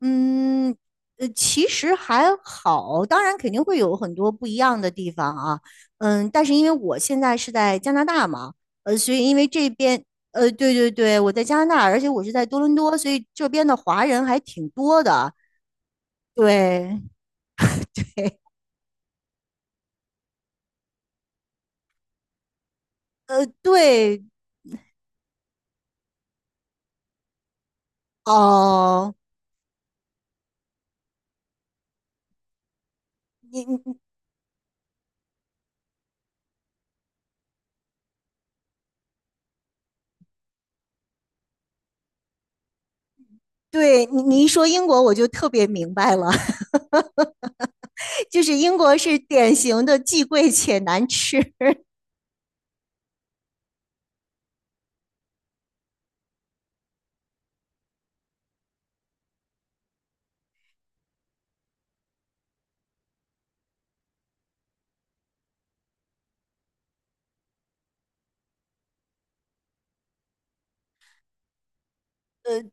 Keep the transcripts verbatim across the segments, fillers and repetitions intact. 嗯，呃，其实还好，当然肯定会有很多不一样的地方啊，嗯，但是因为我现在是在加拿大嘛，呃，所以因为这边，呃，对对对，我在加拿大，而且我是在多伦多，所以这边的华人还挺多的，对，呃，对，哦，你你对你你一说英国，我就特别明白了，就是英国是典型的既贵且难吃，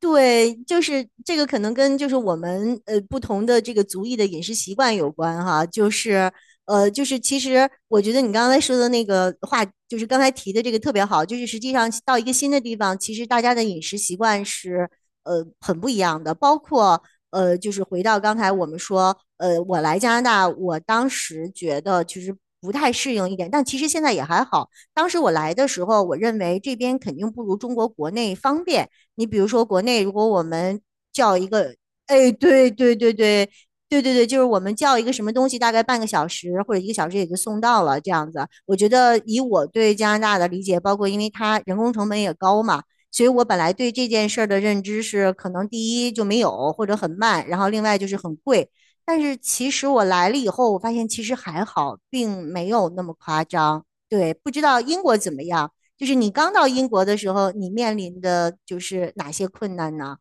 对，就是这个可能跟就是我们呃不同的这个族裔的饮食习惯有关哈，就是呃就是其实我觉得你刚才说的那个话，就是刚才提的这个特别好，就是实际上到一个新的地方，其实大家的饮食习惯是呃很不一样的，包括呃就是回到刚才我们说，呃我来加拿大，我当时觉得其实不太适应一点，但其实现在也还好。当时我来的时候，我认为这边肯定不如中国国内方便，你比如说国内，如果我们叫一个，哎，对对对对。对对对，就是我们叫一个什么东西，大概半个小时或者一个小时也就送到了这样子。我觉得以我对加拿大的理解，包括因为它人工成本也高嘛，所以我本来对这件事儿的认知是，可能第一就没有或者很慢，然后另外就是很贵。但是其实我来了以后，我发现其实还好，并没有那么夸张。对，不知道英国怎么样？就是你刚到英国的时候，你面临的就是哪些困难呢？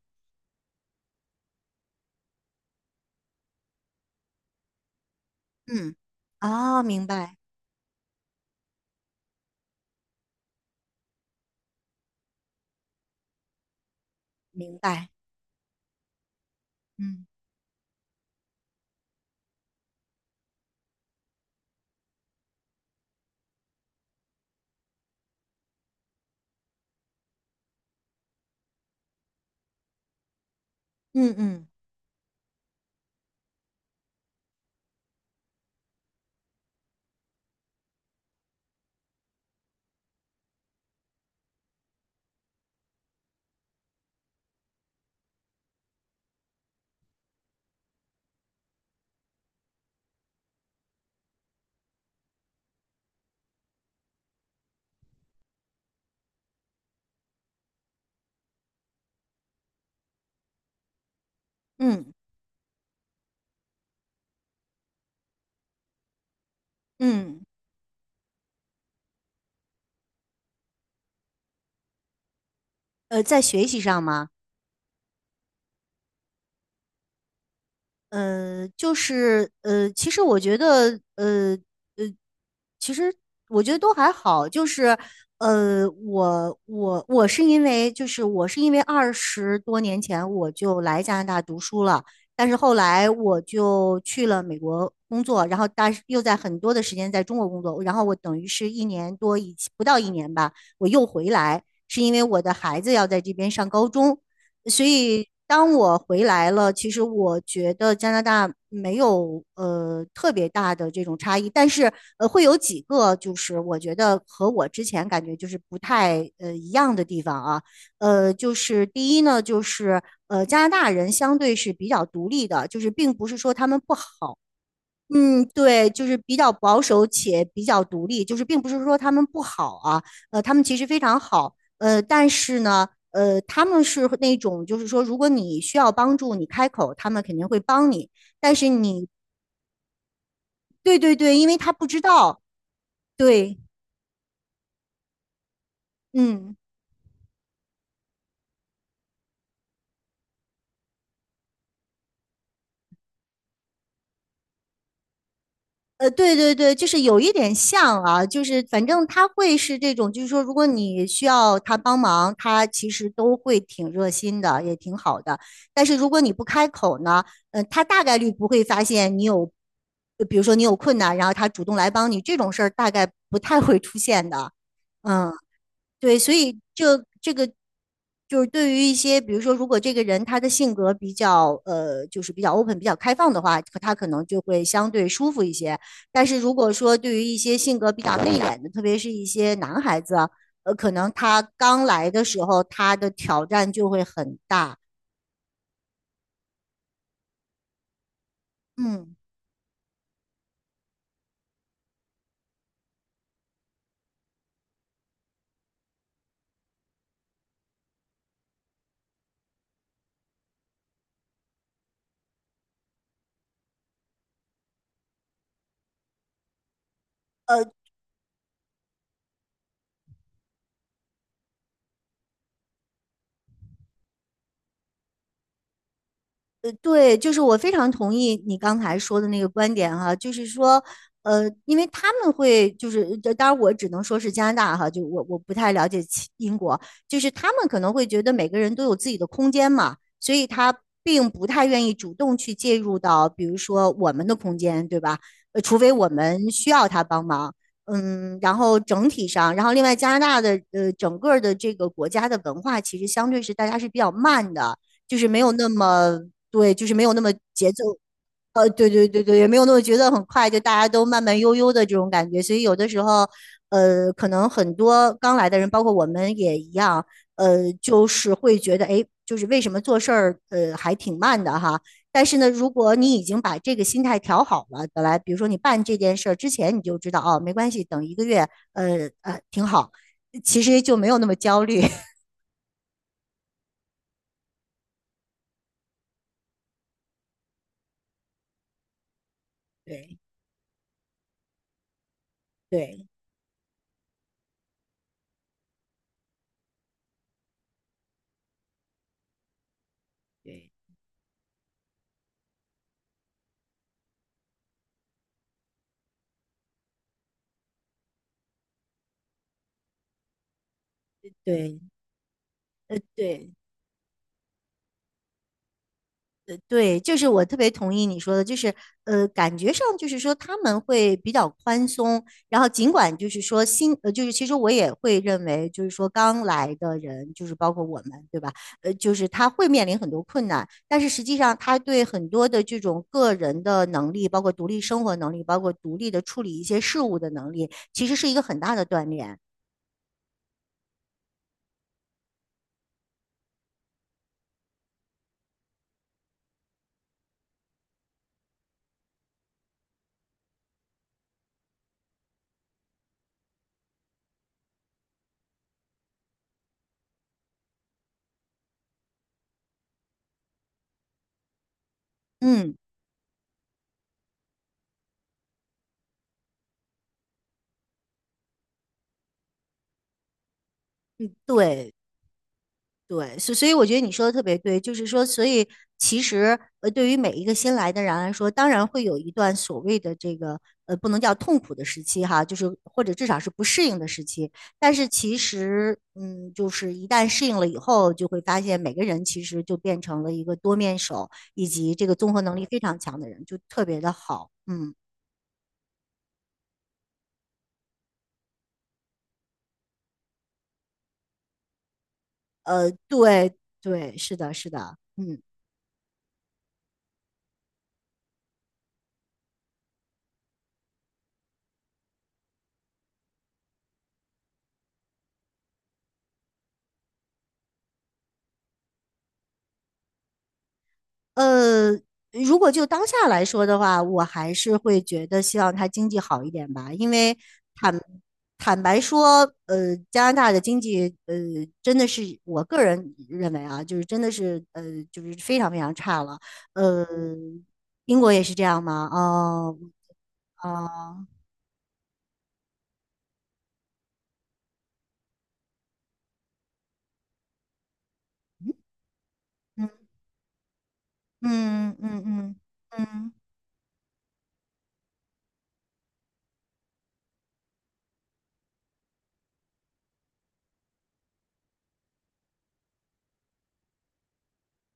嗯，哦，明白，明白，嗯嗯嗯嗯嗯，呃，在学习上吗？呃，就是呃，其实我觉得，呃呃，其实我觉得都还好，就是呃，我我我是因为就是我是因为二十多年前我就来加拿大读书了，但是后来我就去了美国工作，然后但是又在很多的时间在中国工作，然后我等于是一年多以不到一年吧，我又回来，是因为我的孩子要在这边上高中，所以当我回来了，其实我觉得加拿大没有呃特别大的这种差异，但是呃会有几个就是我觉得和我之前感觉就是不太呃一样的地方啊，呃就是第一呢就是呃加拿大人相对是比较独立的，就是并不是说他们不好，嗯，对，就是比较保守且比较独立，就是并不是说他们不好啊，呃，他们其实非常好，呃，但是呢，呃，他们是那种就是说，如果你需要帮助，你开口，他们肯定会帮你，但是你，对对对，因为他不知道，对，嗯。呃，对对对，就是有一点像啊，就是反正他会是这种，就是说，如果你需要他帮忙，他其实都会挺热心的，也挺好的。但是如果你不开口呢，呃，他大概率不会发现你有，呃比如说你有困难，然后他主动来帮你，这种事儿大概不太会出现的。嗯。对，所以这这个就是对于一些，比如说，如果这个人他的性格比较呃，就是比较 open、比较开放的话，可他可能就会相对舒服一些。但是如果说对于一些性格比较内敛的，特别是一些男孩子，呃，可能他刚来的时候，他的挑战就会很大。嗯。呃。呃，对，就是我非常同意你刚才说的那个观点哈，就是说，呃，因为他们会就是，呃当然我只能说是加拿大哈，就我我不太了解其英国，就是他们可能会觉得每个人都有自己的空间嘛，所以他并不太愿意主动去介入到，比如说我们的空间，对吧？呃，除非我们需要他帮忙，嗯，然后整体上，然后另外加拿大的呃整个的这个国家的文化其实相对是大家是比较慢的。就是没有那么对，就是没有那么节奏，呃，对对对对，也没有那么节奏很快，就大家都慢慢悠悠的这种感觉。所以有的时候，呃，可能很多刚来的人，包括我们也一样，呃，就是会觉得，哎，就是为什么做事儿，呃，还挺慢的哈。但是呢，如果你已经把这个心态调好了，本来比如说你办这件事儿之前，你就知道哦，没关系，等一个月，呃呃，挺好，其实就没有那么焦虑。对对对对，呃对。对，就是我特别同意你说的，就是呃，感觉上就是说他们会比较宽松，然后尽管就是说新呃，就是其实我也会认为，就是说刚来的人，就是包括我们，对吧？呃，就是他会面临很多困难，但是实际上他对很多的这种个人的能力，包括独立生活能力，包括独立的处理一些事物的能力，其实是一个很大的锻炼。嗯，对。对，所所以我觉得你说的特别对，就是说，所以其实呃，对于每一个新来的人来说，当然会有一段所谓的这个呃，不能叫痛苦的时期哈，就是或者至少是不适应的时期。但是其实，嗯，就是一旦适应了以后，就会发现每个人其实就变成了一个多面手，以及这个综合能力非常强的人，就特别的好。嗯，呃，对对，是的，是的，嗯。呃，如果就当下来说的话，我还是会觉得希望它经济好一点吧，因为坦坦白说，呃，加拿大的经济，呃，真的是我个人认为啊，就是真的是，呃，就是非常非常差了。呃，英国也是这样吗？哦，啊，嗯嗯嗯嗯嗯嗯。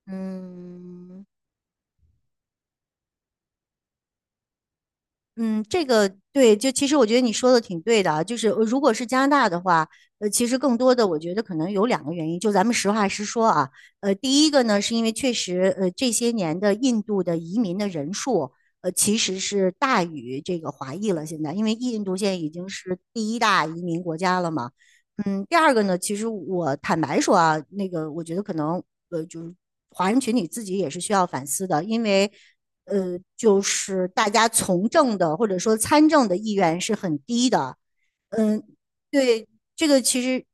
嗯嗯，这个对，就其实我觉得你说的挺对的啊，就是呃如果是加拿大的话，呃，其实更多的我觉得可能有两个原因，就咱们实话实说啊，呃，第一个呢是因为确实，呃，这些年的印度的移民的人数，呃，其实是大于这个华裔了，现在，因为印度现在已经是第一大移民国家了嘛，嗯，第二个呢，其实我坦白说啊，那个我觉得可能，呃，就是华人群体自己也是需要反思的，因为呃，就是大家从政的或者说参政的意愿是很低的。嗯，对，这个其实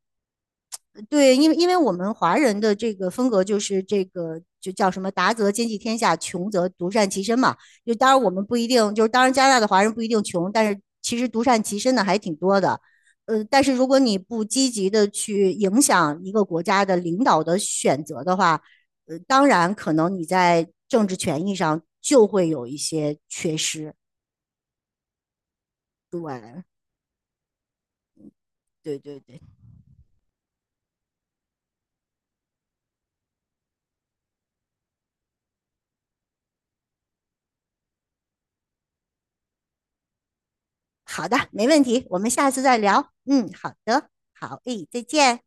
对，因为因为我们华人的这个风格就是这个就叫什么达则兼济天下，穷则独善其身嘛。就当然我们不一定，就是当然加拿大的华人不一定穷，但是其实独善其身的还挺多的。呃，但是如果你不积极的去影响一个国家的领导的选择的话，呃，当然可能你在政治权益上就会有一些缺失。对，对对对，好的，没问题，我们下次再聊。嗯，好的，好，诶，再见。